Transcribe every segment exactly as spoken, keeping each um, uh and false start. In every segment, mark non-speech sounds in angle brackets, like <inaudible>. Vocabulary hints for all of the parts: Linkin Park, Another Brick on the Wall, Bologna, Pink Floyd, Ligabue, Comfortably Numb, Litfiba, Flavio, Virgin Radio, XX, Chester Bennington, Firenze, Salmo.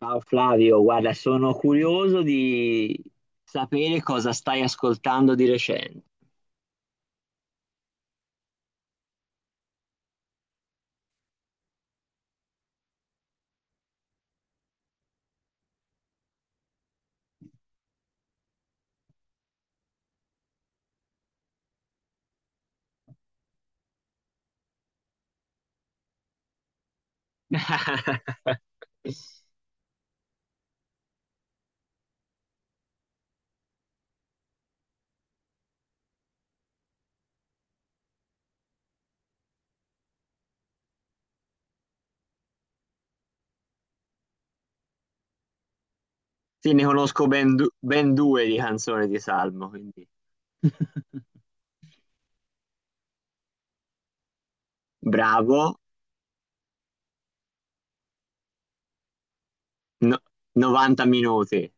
Ciao Flavio, guarda, sono curioso di sapere cosa stai ascoltando di recente. <laughs> Sì, ne conosco ben, du- ben due di canzoni di Salmo, quindi <laughs> bravo. No- novanta minuti.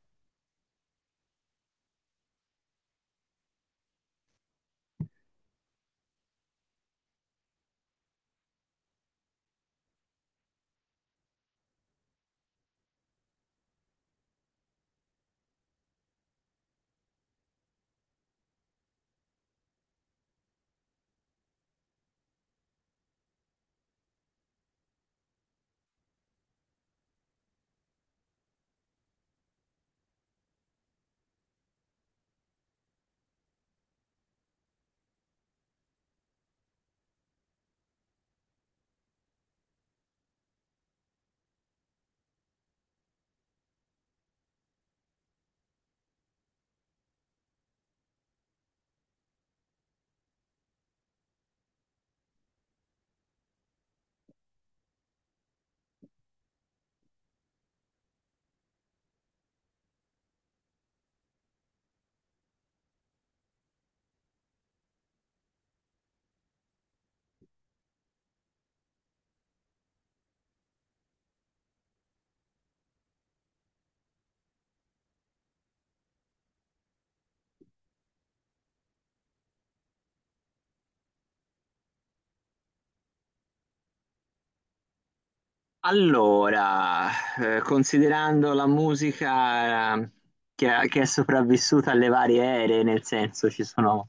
Allora, eh, considerando la musica eh, che, che è sopravvissuta alle varie ere, nel senso ci sono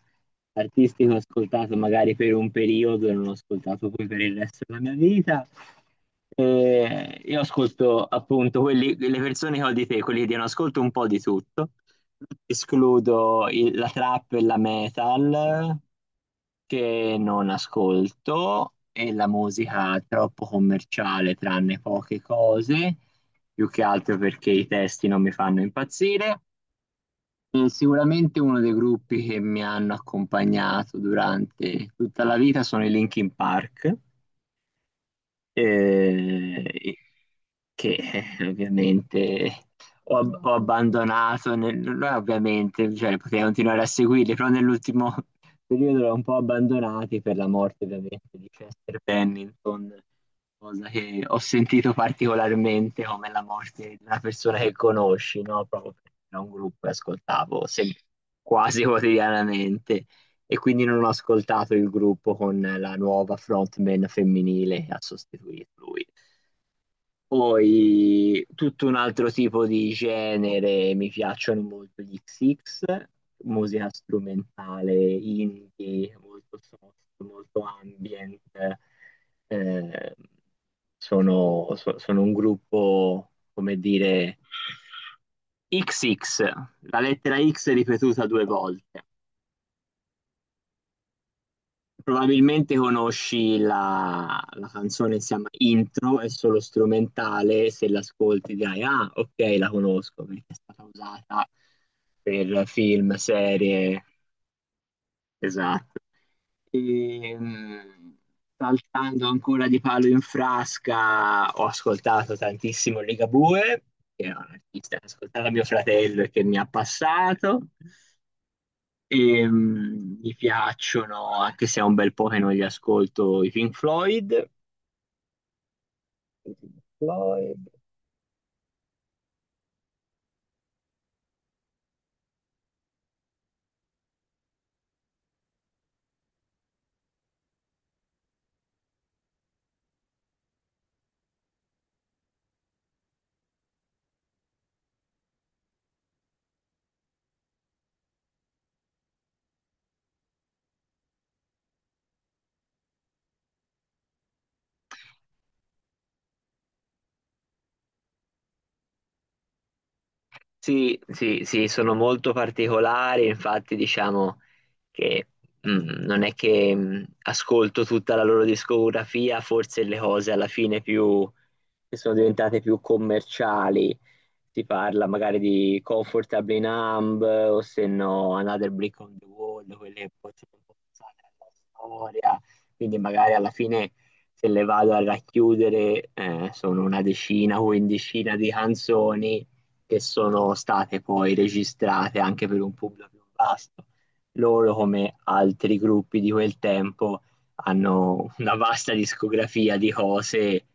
artisti che ho ascoltato magari per un periodo e non ho ascoltato poi per il resto della mia vita. Eh, io ascolto appunto quelli, le persone che ho di te, quelli che diano ascolto un po' di tutto. Escludo il- la trap e la metal che non ascolto e la musica troppo commerciale, tranne poche cose, più che altro perché i testi non mi fanno impazzire. E sicuramente uno dei gruppi che mi hanno accompagnato durante tutta la vita sono i Linkin Park, eh, che, eh, ovviamente ho, ab- ho abbandonato. Nel- non è ovviamente, cioè, potrei continuare a seguirli, però nell'ultimo <laughs> periodo l'ho un po' abbandonati per la morte ovviamente di Chester Bennington, cosa che ho sentito particolarmente come la morte di una persona che conosci, no? Proprio perché era un gruppo che ascoltavo se- quasi quotidianamente, e quindi non ho ascoltato il gruppo con la nuova frontman femminile che ha sostituito lui. Poi tutto un altro tipo di genere, mi piacciono molto gli X X, musica strumentale, indie, molto soft, molto ambient. Eh, sono, so- Sono un gruppo, come dire, X X, la lettera X ripetuta due volte. Probabilmente conosci la, la canzone, si chiama Intro, è solo strumentale. Se l'ascolti dirai, ah, ok, la conosco, perché è stata usata per film, serie, esatto. E, mh, saltando ancora di palo in frasca, ho ascoltato tantissimo Ligabue, che è un artista che ho ascoltato a mio fratello e che mi ha passato. E, mm, mi piacciono, anche se è un bel po' che non li ascolto, i Pink Floyd. Floyd. Sì, sì, sì, sono molto particolari, infatti diciamo che, mm, non è che, mm, ascolto tutta la loro discografia. Forse le cose alla fine più, che sono diventate più commerciali, si parla magari di Comfortably Numb o se no Another Brick on the Wall, quelle forse un po' pensate alla storia. Quindi magari alla fine, se le vado a racchiudere, eh, sono una decina o quindicina di canzoni che sono state poi registrate anche per un pubblico più vasto. Loro, come altri gruppi di quel tempo, hanno una vasta discografia di cose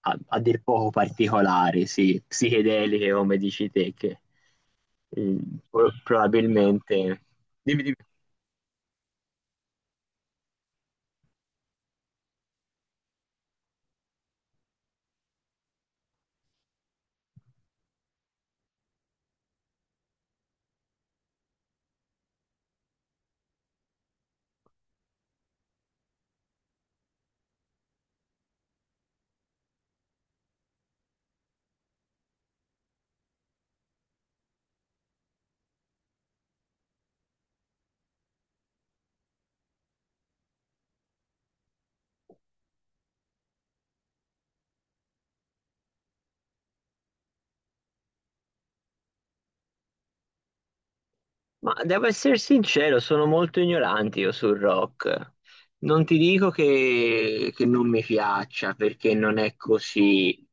a, a dir poco particolari, sì, psichedeliche come dici te, che eh, pro- probabilmente... Dimmi, dimmi. Ma devo essere sincero, sono molto ignorante io sul rock. Non ti dico che, che non mi piaccia, perché non è così.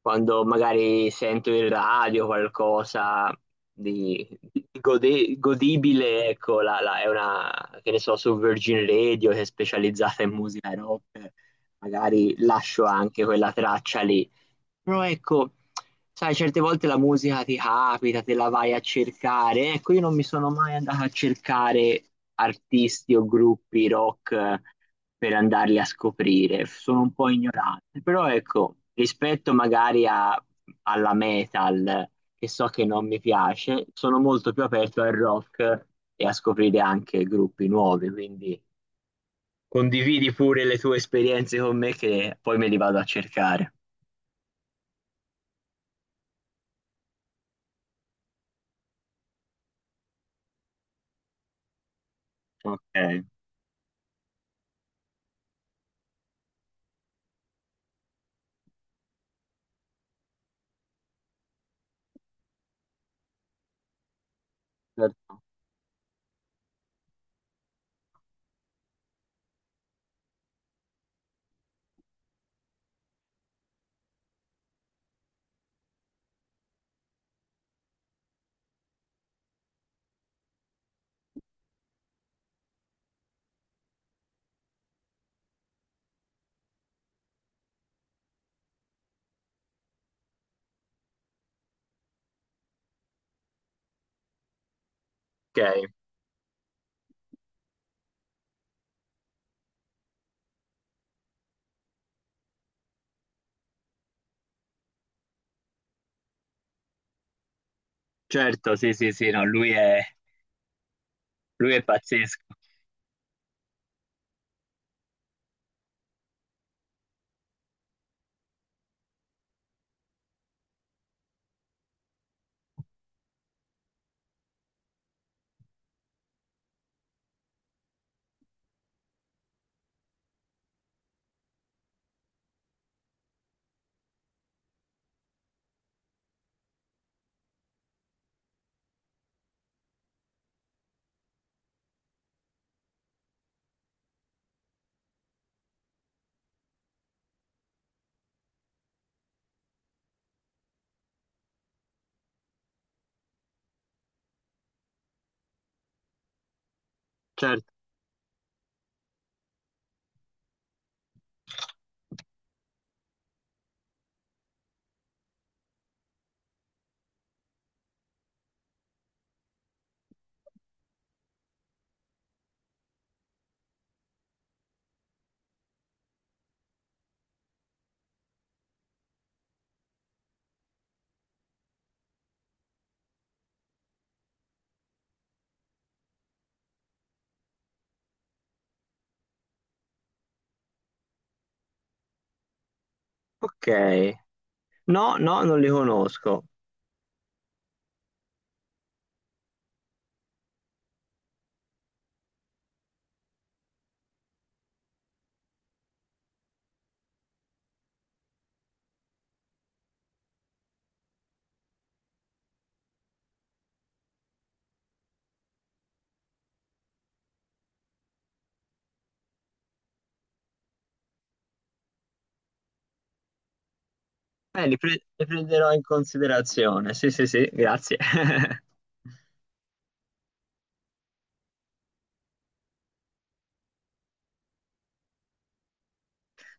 Quando magari sento in radio qualcosa di, di gode- godibile, ecco, la- la- è una, che ne so, su Virgin Radio, che è specializzata in musica rock, magari lascio anche quella traccia lì. Però ecco, sai, certe volte la musica ti capita, te la vai a cercare. Ecco, io non mi sono mai andata a cercare artisti o gruppi rock, eh, per andarli a scoprire. Sono un po' ignorante. Però ecco, rispetto magari a- alla metal, che so che non mi piace, sono molto più aperto al rock e a scoprire anche gruppi nuovi. Quindi condividi pure le tue esperienze con me, che poi me li vado a cercare. Ok, certo. Ok, certo, sì, sì, sì. No, lui è, lui è pazzesco. Certo. Ok. No, no, non li conosco. Eh, li, pre- li prenderò in considerazione. Sì, sì, sì, grazie. <laughs>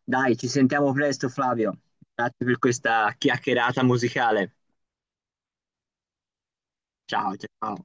Dai, ci sentiamo presto, Flavio. Grazie per questa chiacchierata musicale. Ciao, ciao.